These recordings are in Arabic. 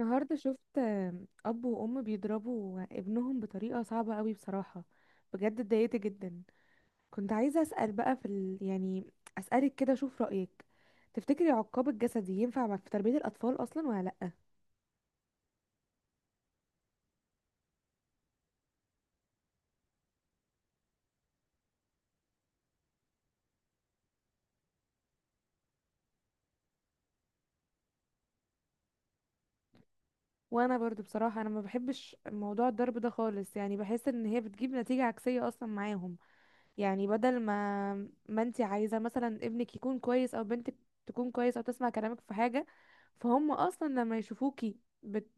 النهاردة شفت أب وأم بيضربوا ابنهم بطريقة صعبة قوي بصراحة. بجد اتضايقت جدا. كنت عايزة أسأل بقى في ال... يعني أسألك كده أشوف رأيك. تفتكري عقاب الجسدي ينفع في تربية الأطفال أصلا ولا لأ؟ وأنا برضو بصراحة أنا ما بحبش موضوع الضرب ده خالص، يعني بحس إن هي بتجيب نتيجة عكسية أصلا معاهم. يعني بدل ما ما انت عايزة مثلا ابنك يكون كويس او بنتك تكون كويس او تسمع كلامك في حاجة، فهم اصلا لما يشوفوكي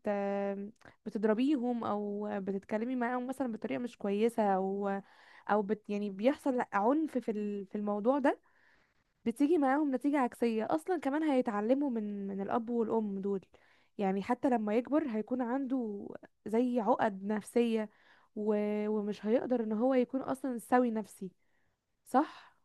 بتضربيهم او بتتكلمي معاهم مثلا بطريقة مش كويسة او او بت يعني بيحصل عنف في في الموضوع ده، بتيجي معاهم نتيجة عكسية اصلا. كمان هيتعلموا من الاب والام دول، يعني حتى لما يكبر هيكون عنده زي عقد نفسية و... ومش هيقدر ان هو يكون اصلا سوي نفسي. صح،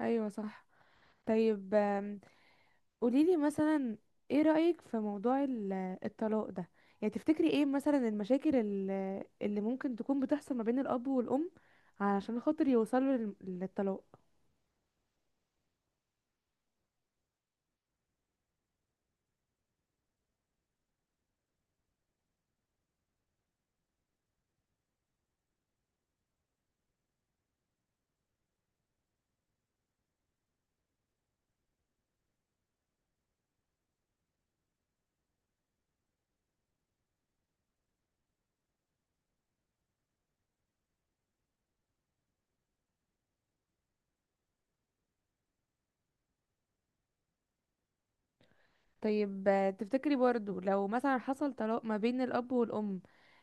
ايوه صح. طيب قوليلي مثلا، ايه رأيك في موضوع الطلاق ده؟ يعني تفتكري ايه مثلا المشاكل اللي ممكن تكون بتحصل ما بين الاب والام علشان خاطر يوصلوا للطلاق؟ طيب تفتكري برضو لو مثلا حصل طلاق ما بين الاب والام،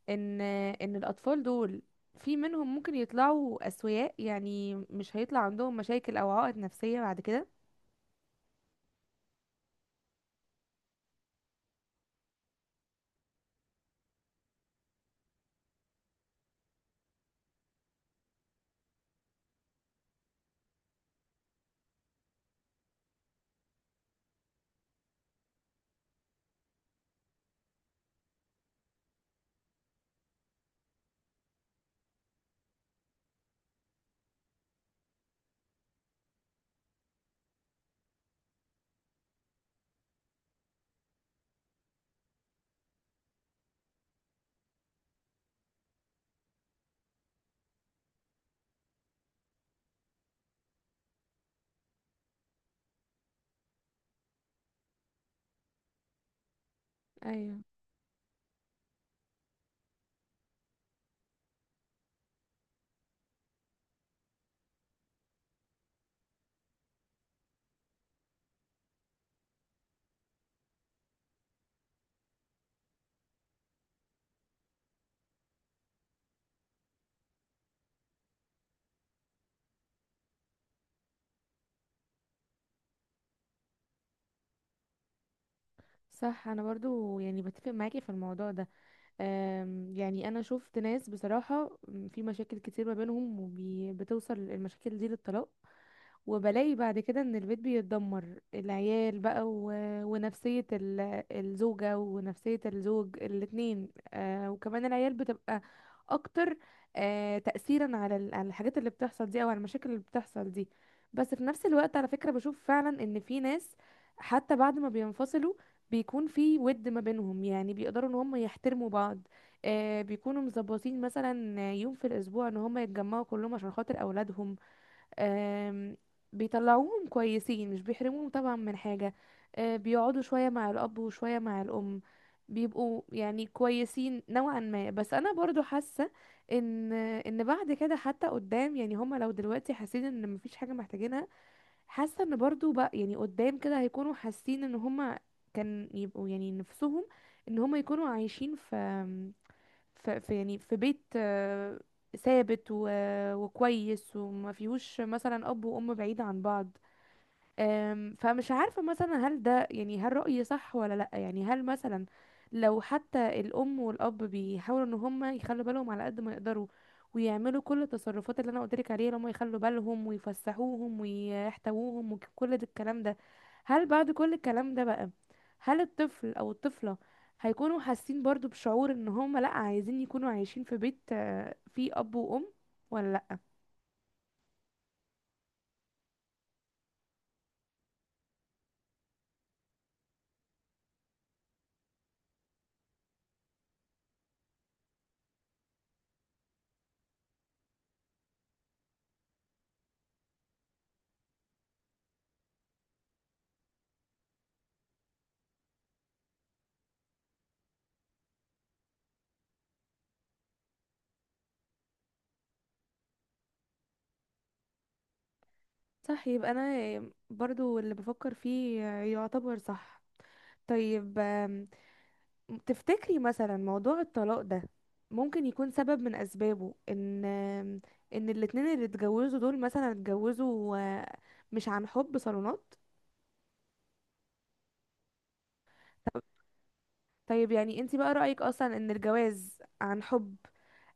ان ان الاطفال دول في منهم ممكن يطلعوا اسوياء؟ يعني مش هيطلع عندهم مشاكل او عقد نفسية بعد كده؟ ايوه صح. انا برضو يعني بتفق معاكي في الموضوع ده. يعني انا شفت ناس بصراحة، في مشاكل كتير ما بينهم وبتوصل المشاكل دي للطلاق، وبلاقي بعد كده ان البيت بيتدمر، العيال بقى ونفسية الزوجة ونفسية الزوج الاتنين. آه، وكمان العيال بتبقى اكتر تأثيرا على على الحاجات اللي بتحصل دي او على المشاكل اللي بتحصل دي. بس في نفس الوقت على فكرة بشوف فعلا ان في ناس حتى بعد ما بينفصلوا بيكون في ود ما بينهم، يعني بيقدروا ان هم يحترموا بعض. آه، بيكونوا مظبطين مثلا يوم في الاسبوع ان هم يتجمعوا كلهم عشان خاطر اولادهم. آم، بيطلعوهم كويسين، مش بيحرموهم طبعا من حاجة. بيقعدوا شوية مع الأب وشوية مع الأم، بيبقوا يعني كويسين نوعا ما. بس أنا برضو حاسة إن إن بعد كده حتى قدام، يعني هما لو دلوقتي حاسين إن مفيش حاجة محتاجينها، حاسة إن برضو بقى يعني قدام كده هيكونوا حاسين إن هما كان يبقوا يعني نفسهم إن هما يكونوا عايشين في في بيت ثابت وكويس وما فيهوش مثلا اب وام بعيد عن بعض. فمش عارفة مثلا هل ده يعني، هل رأيي صح ولا لأ؟ يعني هل مثلا لو حتى الأم والأب بيحاولوا إن هما يخلوا بالهم على قد ما يقدروا ويعملوا كل التصرفات اللي أنا قلتلك عليها، اللي هما يخلوا بالهم ويفسحوهم ويحتووهم وكل ده الكلام ده، هل بعد كل الكلام ده بقى، هل الطفل أو الطفلة هيكونوا حاسين برضو بشعور إن هما لأ، عايزين يكونوا عايشين في بيت فيه أب وأم، ولا لأ؟ صح، يبقى أنا برضو اللي بفكر فيه يعتبر صح. طيب تفتكري مثلا موضوع الطلاق ده ممكن يكون سبب من اسبابه ان ان الاتنين اللي اتجوزوا دول مثلا اتجوزوا مش عن حب، صالونات؟ طب- طيب يعني انتي بقى رأيك اصلا ان الجواز عن حب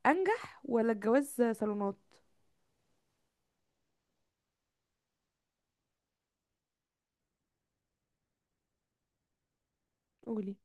انجح ولا الجواز صالونات؟ قولي.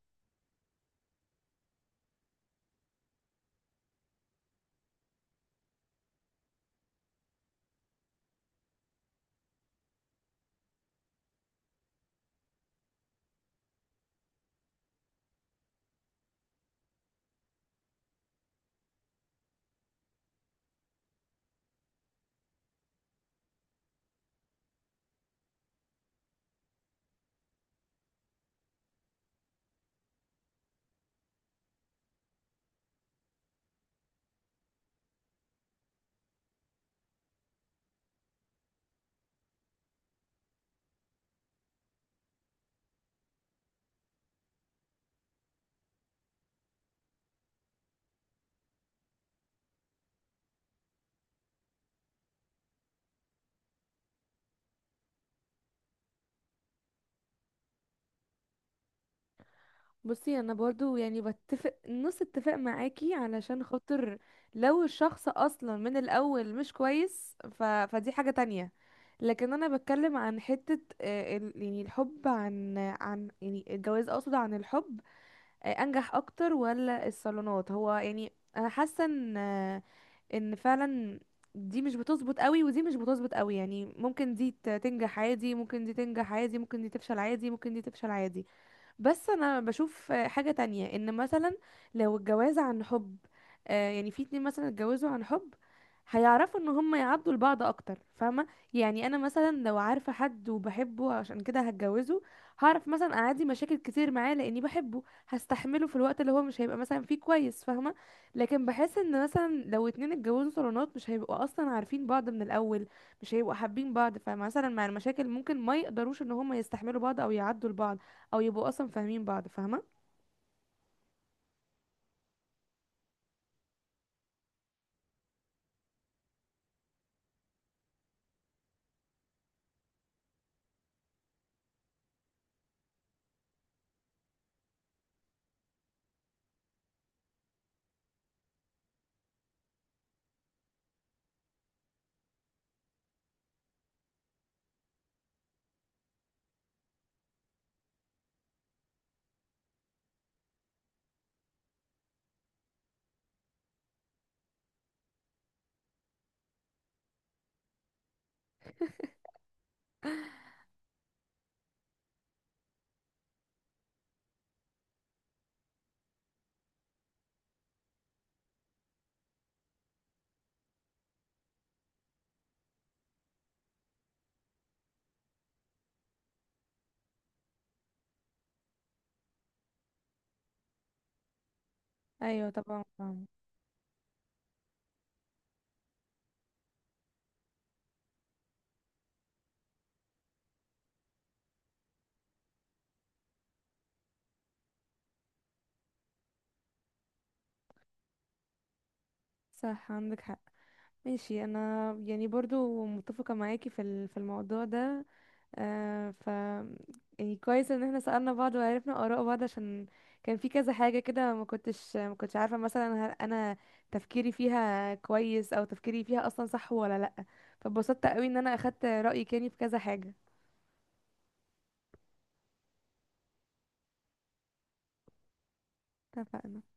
بصي انا برضو يعني بتفق نص اتفاق معاكي، علشان خاطر لو الشخص اصلا من الاول مش كويس فدي حاجة تانية. لكن انا بتكلم عن حتة الحب، عن يعني الجواز اقصد عن الحب انجح اكتر ولا الصالونات؟ هو يعني انا حاسة ان ان فعلا دي مش بتظبط قوي ودي مش بتظبط قوي، يعني ممكن دي تنجح عادي، ممكن دي تنجح عادي، ممكن دي تفشل عادي، ممكن دي تفشل عادي. بس انا بشوف حاجة تانية، ان مثلا لو الجواز عن حب، يعني في اتنين مثلا اتجوزوا عن حب، هيعرفوا ان هم يعدوا لبعض اكتر، فاهمة؟ يعني انا مثلا لو عارفة حد وبحبه عشان كده هتجوزه، هعرف مثلا اعدي مشاكل كتير معاه لاني بحبه، هستحمله في الوقت اللي هو مش هيبقى مثلا فيه كويس، فاهمة؟ لكن بحس ان مثلا لو اتنين اتجوزوا صالونات، مش هيبقوا اصلا عارفين بعض من الاول، مش هيبقوا حابين بعض، فمثلا مع المشاكل ممكن ما يقدروش ان هم يستحملوا بعض او يعدوا لبعض او يبقوا اصلا فاهمين بعض، فاهمه؟ ايوه طبعا فاهمة. صح، عندك حق. ماشي. انا يعني برضو متفقه معاكي في في الموضوع ده. آه ف يعني كويس ان احنا سألنا بعض وعرفنا اراء بعض، عشان كان في كذا حاجه كده ما كنتش عارفه مثلا هل انا تفكيري فيها كويس او تفكيري فيها اصلا صح ولا لا. فبسطت قوي ان انا اخدت رايك يعني في كذا حاجه. اتفقنا.